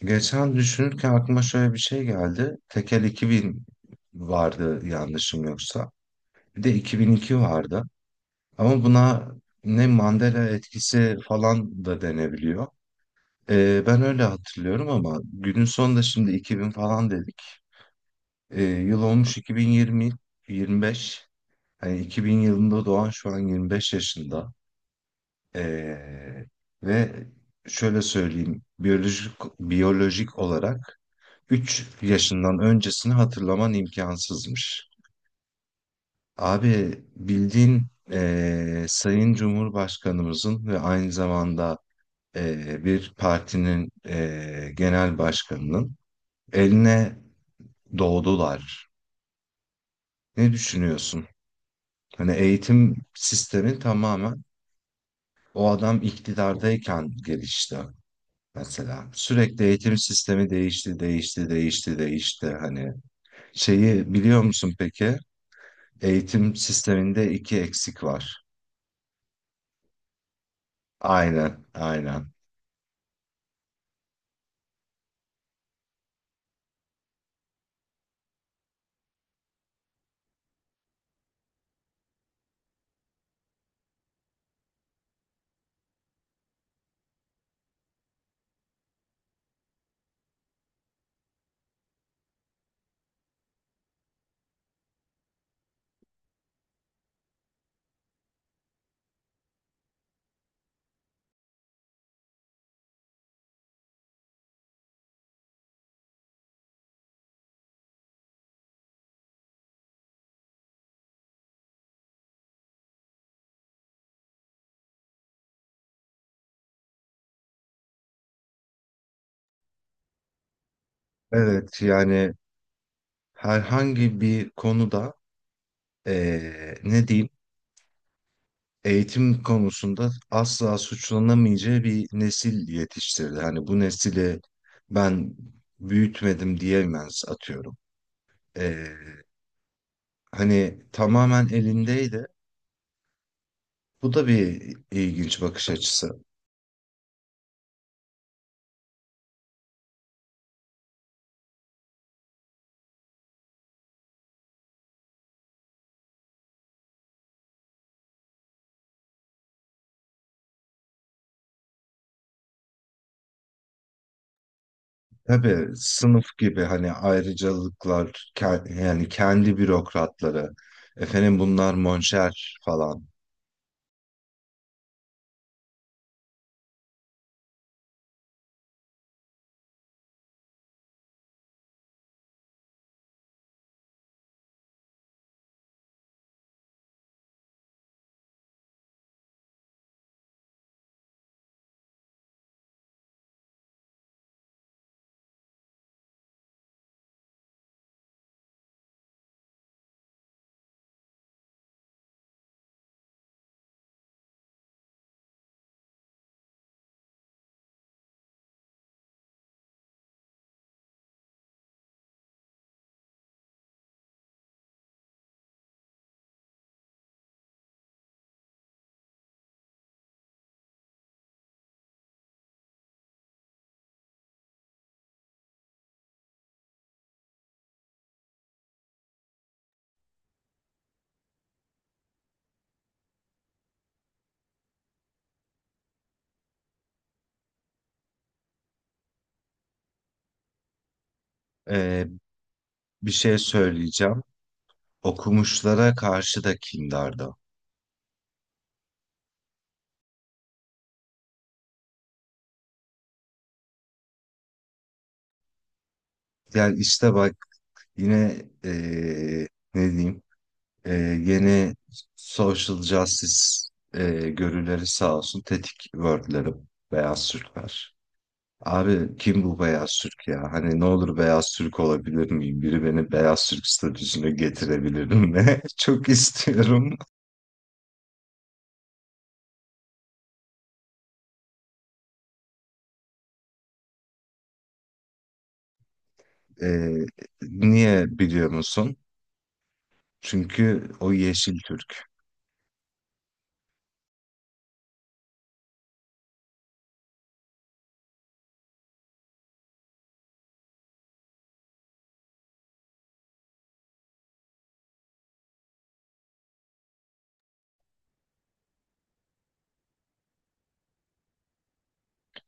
Geçen düşünürken aklıma şöyle bir şey geldi. Tekel 2000 vardı yanlışım yoksa. Bir de 2002 vardı. Ama buna ne Mandela etkisi falan da denebiliyor. Ben öyle hatırlıyorum ama günün sonunda şimdi 2000 falan dedik. Yıl olmuş 2020, 25. Hani 2000 yılında doğan şu an 25 yaşında. Ee, ve şöyle söyleyeyim. Biyolojik olarak 3 yaşından öncesini hatırlaman imkansızmış. Abi bildiğin Sayın Cumhurbaşkanımızın ve aynı zamanda bir partinin genel başkanının eline doğdular. Ne düşünüyorsun? Hani eğitim sistemi tamamen o adam iktidardayken gelişti mesela. Sürekli eğitim sistemi değişti, değişti, değişti, değişti. Hani şeyi biliyor musun peki? Eğitim sisteminde iki eksik var. Aynen, aynen. Evet, yani herhangi bir konuda ne diyeyim, eğitim konusunda asla suçlanamayacağı bir nesil yetiştirdi. Hani bu nesili ben büyütmedim diyemez atıyorum. Eee, Hani tamamen elindeydi. Bu da bir ilginç bakış açısı. Tabii sınıf gibi hani ayrıcalıklar yani kendi bürokratları efendim bunlar monşer falan. Ee, Bir şey söyleyeceğim, okumuşlara karşı da kindardı. Yani işte bak, yine ne diyeyim, ee, yeni social justice görüleri sağ olsun tetik wordlerim beyaz Türkler. Abi kim bu beyaz Türk ya? Hani ne olur beyaz Türk olabilir miyim? Biri beni beyaz Türk statüsüne getirebilir mi? Çok istiyorum. Ee, Niye biliyor musun? Çünkü o yeşil Türk.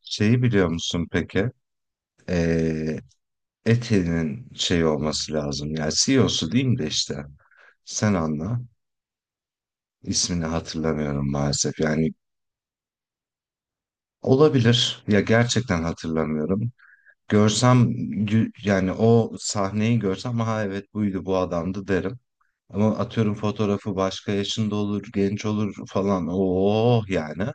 Şeyi biliyor musun peki? Ee, Etel'in şey olması lazım. Yani CEO'su diyeyim de işte. Sen anla. İsmini hatırlamıyorum maalesef. Yani olabilir. Ya gerçekten hatırlamıyorum. Görsem, yani o sahneyi görsem, ha evet, buydu, bu adamdı derim. Ama atıyorum fotoğrafı başka yaşında olur, genç olur falan. Oh yani.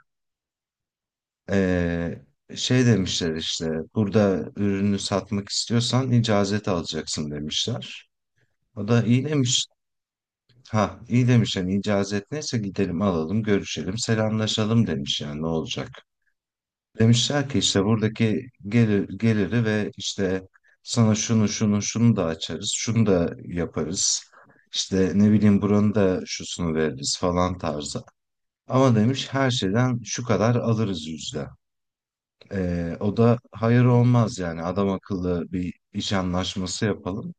Ee, Şey demişler, işte burada ürünü satmak istiyorsan icazet alacaksın demişler. O da iyi demiş. Ha iyi demiş, yani icazet neyse gidelim alalım görüşelim selamlaşalım demiş, yani ne olacak. Demişler ki işte buradaki geliri ve işte sana şunu şunu şunu da açarız, şunu da yaparız. İşte ne bileyim buranın da şusunu veririz falan tarzı. Ama demiş her şeyden şu kadar alırız yüzde. O da hayır olmaz, yani adam akıllı bir iş anlaşması yapalım.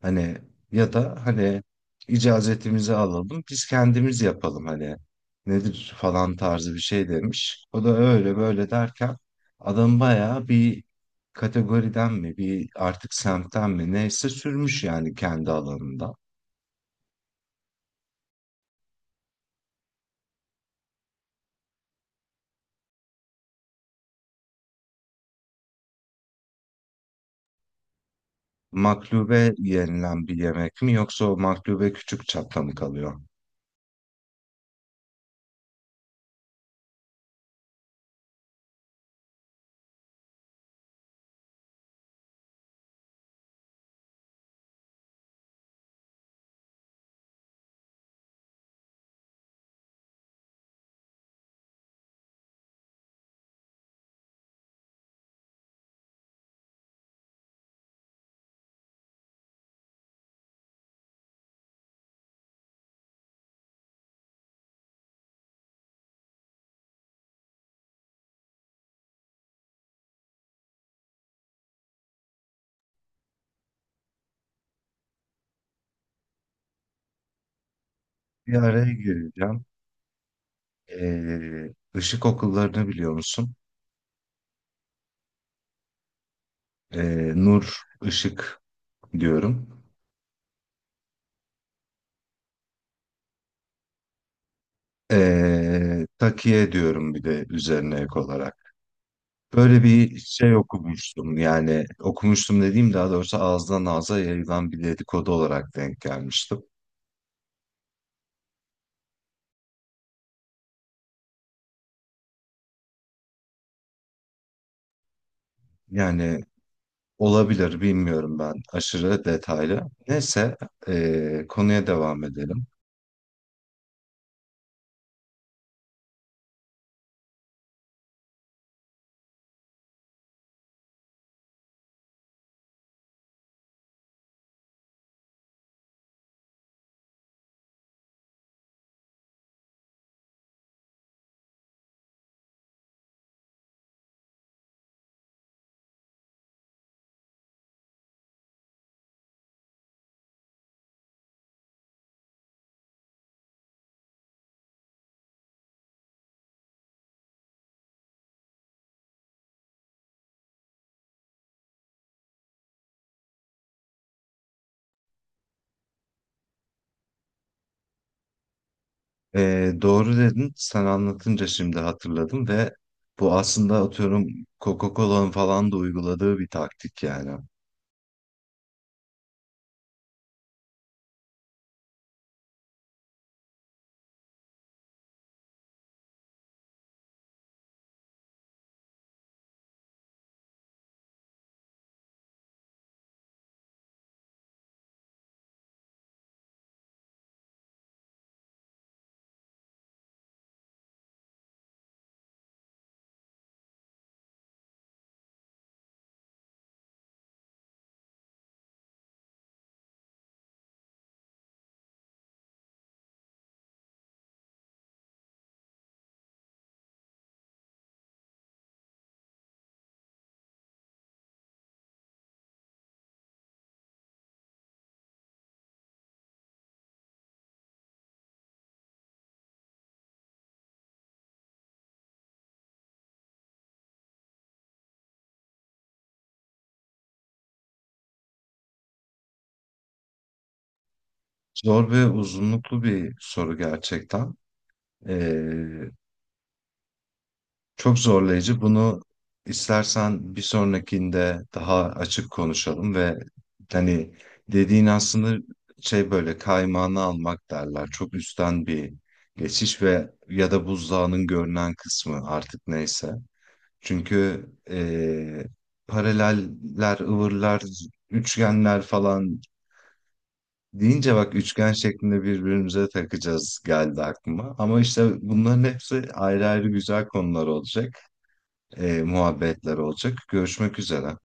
Hani, ya da hani icazetimizi alalım biz kendimiz yapalım, hani nedir falan tarzı bir şey demiş. O da öyle böyle derken adam bayağı bir kategoriden mi, bir artık semtten mi neyse sürmüş yani kendi alanında. Maklube yenilen bir yemek mi, yoksa o maklube küçük çapta mı kalıyor? Bir araya gireceğim. Ee, ışık okullarını biliyor musun? Nur Işık diyorum. Takiye diyorum bir de üzerine ek olarak. Böyle bir şey okumuştum, yani okumuştum dediğim daha doğrusu ağızdan ağza yayılan bir dedikodu olarak denk gelmiştim. Yani olabilir, bilmiyorum, ben aşırı detaylı. Neyse, konuya devam edelim. Doğru dedin, sen anlatınca şimdi hatırladım ve bu aslında atıyorum Coca-Cola'nın falan da uyguladığı bir taktik yani. Zor ve uzunluklu bir soru gerçekten. Ee, Çok zorlayıcı. Bunu istersen bir sonrakinde daha açık konuşalım ve hani dediğin aslında şey, böyle kaymağını almak derler. Çok üstten bir geçiş ve ya da buzdağının görünen kısmı artık neyse. Çünkü paraleller, ıvırlar, üçgenler falan deyince, bak üçgen şeklinde birbirimize takacağız geldi aklıma. Ama işte bunların hepsi ayrı ayrı güzel konular olacak, muhabbetler olacak. Görüşmek üzere.